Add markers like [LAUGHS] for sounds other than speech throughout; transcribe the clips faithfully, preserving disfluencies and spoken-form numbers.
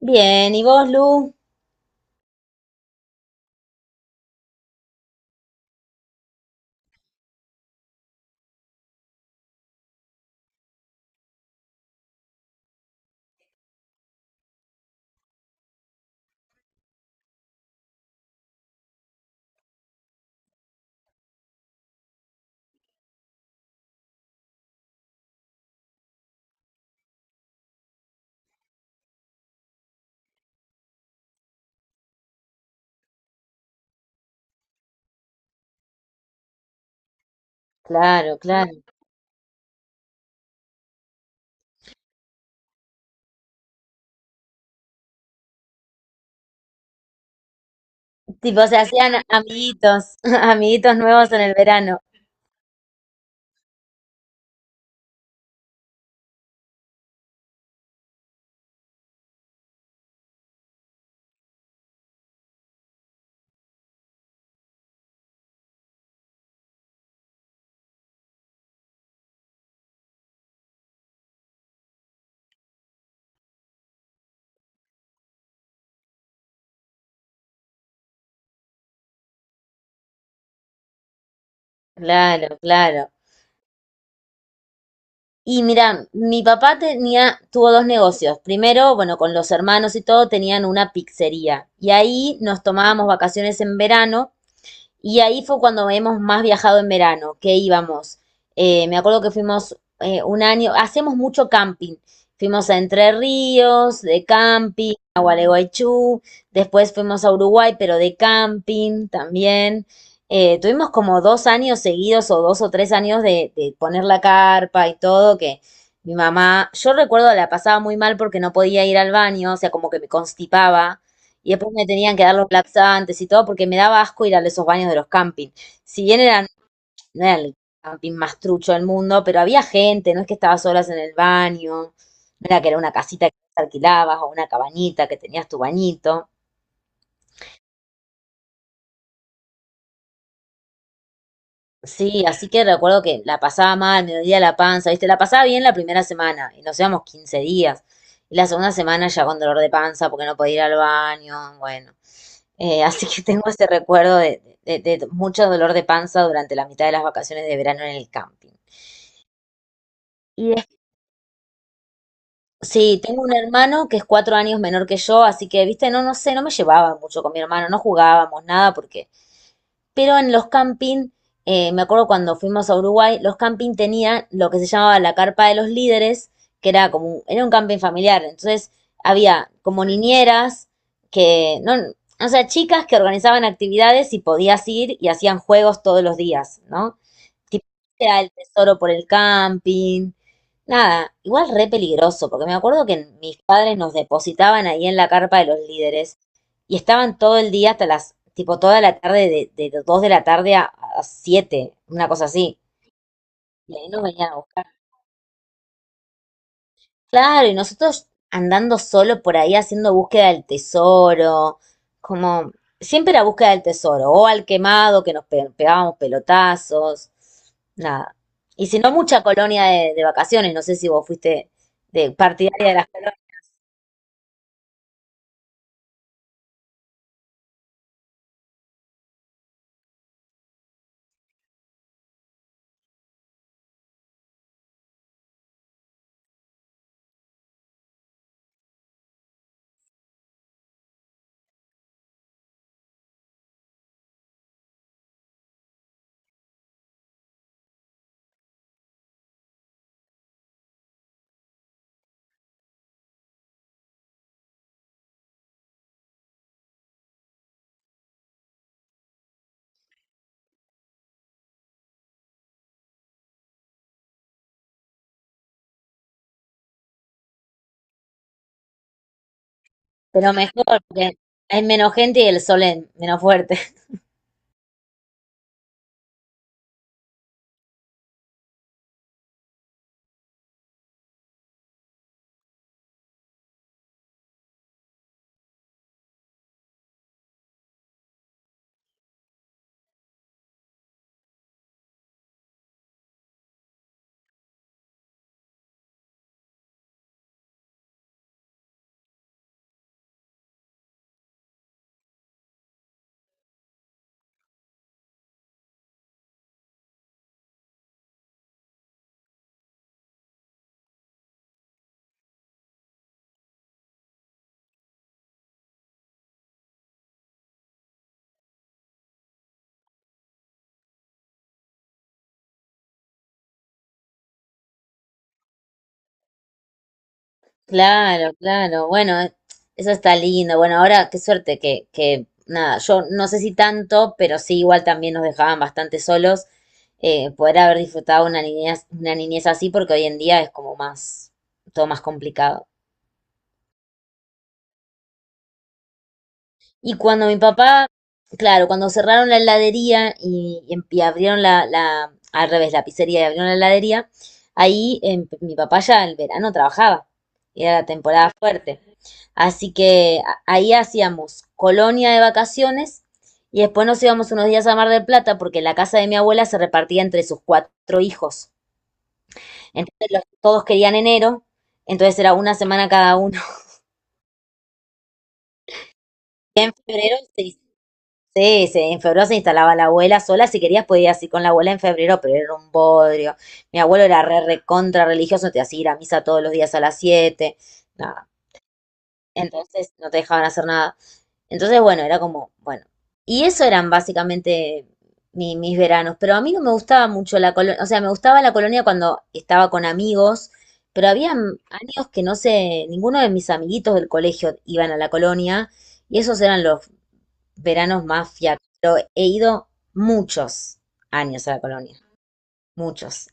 Bien, ¿y vos, Lu? Claro, claro. Tipo, se hacían amiguitos, [LAUGHS] amiguitos nuevos en el verano. Claro, claro. Y mira, mi papá tenía, tuvo dos negocios. Primero, bueno, con los hermanos y todo, tenían una pizzería. Y ahí nos tomábamos vacaciones en verano. Y ahí fue cuando hemos más viajado en verano, que íbamos. Eh, me acuerdo que fuimos eh, un año, hacemos mucho camping. Fuimos a Entre Ríos, de camping, a Gualeguaychú, después fuimos a Uruguay, pero de camping también. Eh, tuvimos como dos años seguidos o dos o tres años de, de poner la carpa y todo, que mi mamá, yo recuerdo la pasaba muy mal porque no podía ir al baño, o sea, como que me constipaba y después me tenían que dar los laxantes y todo porque me daba asco ir a esos baños de los campings. Si bien eran, no era el camping más trucho del mundo, pero había gente, no es que estabas solas en el baño, no era que era una casita que alquilabas o una cabañita que tenías tu bañito. Sí, así que recuerdo que la pasaba mal, me dolía la panza, ¿viste? La pasaba bien la primera semana y nos íbamos quince días. Y la segunda semana ya con dolor de panza porque no podía ir al baño, bueno. Eh, así que tengo ese recuerdo de, de- de mucho dolor de panza durante la mitad de las vacaciones de verano en el camping. Y des- sí, tengo un hermano que es cuatro años menor que yo, así que, viste, no, no sé, no me llevaba mucho con mi hermano, no jugábamos nada porque... Pero en los camping, eh, me acuerdo cuando fuimos a Uruguay, los camping tenían lo que se llamaba la carpa de los líderes, que era como, era un camping familiar. Entonces había como niñeras que, no, o sea, chicas que organizaban actividades y podías ir y hacían juegos todos los días, ¿no? Tipo, era el tesoro por el camping. Nada, igual re peligroso, porque me acuerdo que mis padres nos depositaban ahí en la carpa de los líderes y estaban todo el día hasta las, tipo toda la tarde, de, de dos de la tarde a, a siete, una cosa así. Y ahí nos venían a buscar. Claro, y nosotros andando solo por ahí haciendo búsqueda del tesoro, como siempre la búsqueda del tesoro, o al quemado que nos pe- pegábamos pelotazos, nada. Y si no, mucha colonia de, de vacaciones, no sé si vos fuiste de partidaria de las colonias, pero mejor, porque hay menos gente y el sol es menos fuerte. Claro, claro. Bueno, eh, eso está lindo. Bueno, ahora qué suerte que, que nada, yo no sé si tanto, pero sí igual también nos dejaban bastante solos eh, poder haber disfrutado una niñez, una niñez así, porque hoy en día es como más, todo más complicado. Y cuando mi papá, claro, cuando cerraron la heladería y, y em- y abrieron la, la, al revés, la pizzería y abrieron la heladería, ahí em, mi papá ya el verano trabajaba y era la temporada fuerte. Así que ahí hacíamos colonia de vacaciones y después nos íbamos unos días a Mar del Plata porque la casa de mi abuela se repartía entre sus cuatro hijos. Entonces los- todos querían enero, entonces era una semana cada uno. En Febrero se, sí, se- en febrero se instalaba la abuela sola, si querías podías ir con la abuela en febrero, pero era un bodrio. Mi abuelo era re re contra religioso, te hacía ir a misa todos los días a las siete. No. Entonces no te dejaban hacer nada. Entonces, bueno, era como, bueno. Y eso eran básicamente mi- mis veranos. Pero a mí no me gustaba mucho la colonia. O sea, me gustaba la colonia cuando estaba con amigos. Pero había años que no sé, ninguno de mis amiguitos del colegio iban a la colonia. Y esos eran los veranos más fiacos. Pero he ido muchos años a la colonia. Muchos.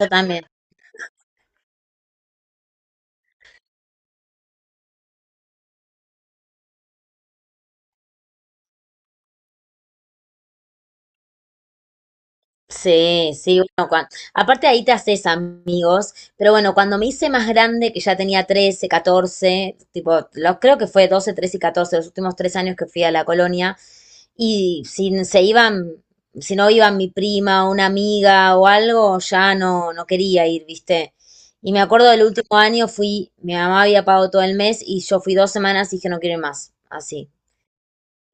Yo también. Sí, sí, bueno, cua- aparte ahí te haces amigos, pero bueno, cuando me hice más grande, que ya tenía trece, catorce, tipo, los, creo que fue doce, trece y catorce, los últimos tres años que fui a la colonia, y si se iban, si no iban mi prima o una amiga o algo, ya no, no quería ir, ¿viste? Y me acuerdo del último año fui, mi mamá había pagado todo el mes y yo fui dos semanas y dije no quiero ir más, así.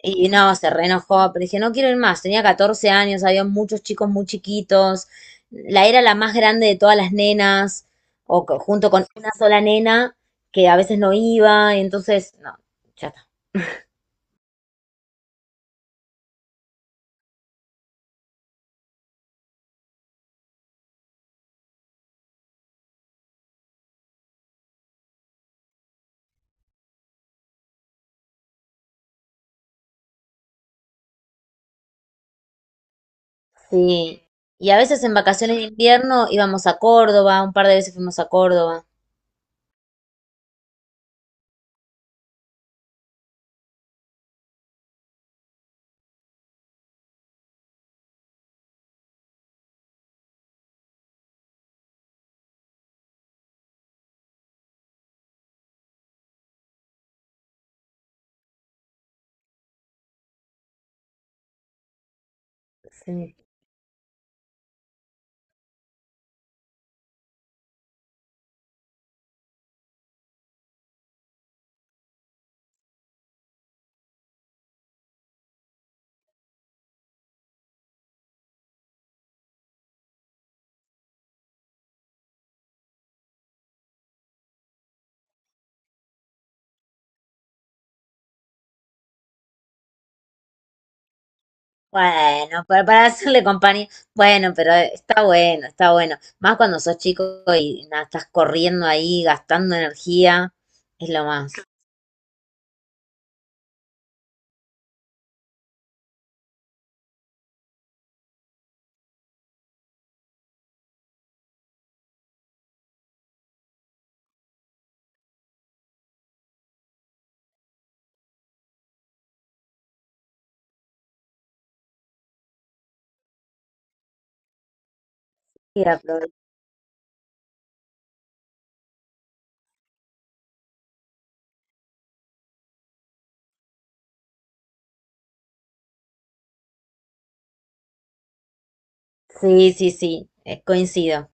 Y no, se reenojó, pero dije, no quiero ir más. Tenía catorce años, había muchos chicos muy chiquitos. La era la más grande de todas las nenas, o co- junto con una sola nena que a veces no iba, y entonces, no, ya está. Sí. Y a veces en vacaciones de invierno íbamos a Córdoba, un par de veces fuimos a Córdoba. Sí. Bueno, para, para hacerle compañía. Bueno, pero eh, está bueno, está bueno. Más cuando sos chico y nada, estás corriendo ahí, gastando energía, es lo más. Sí, apro- sí, sí, sí, eh, coincido.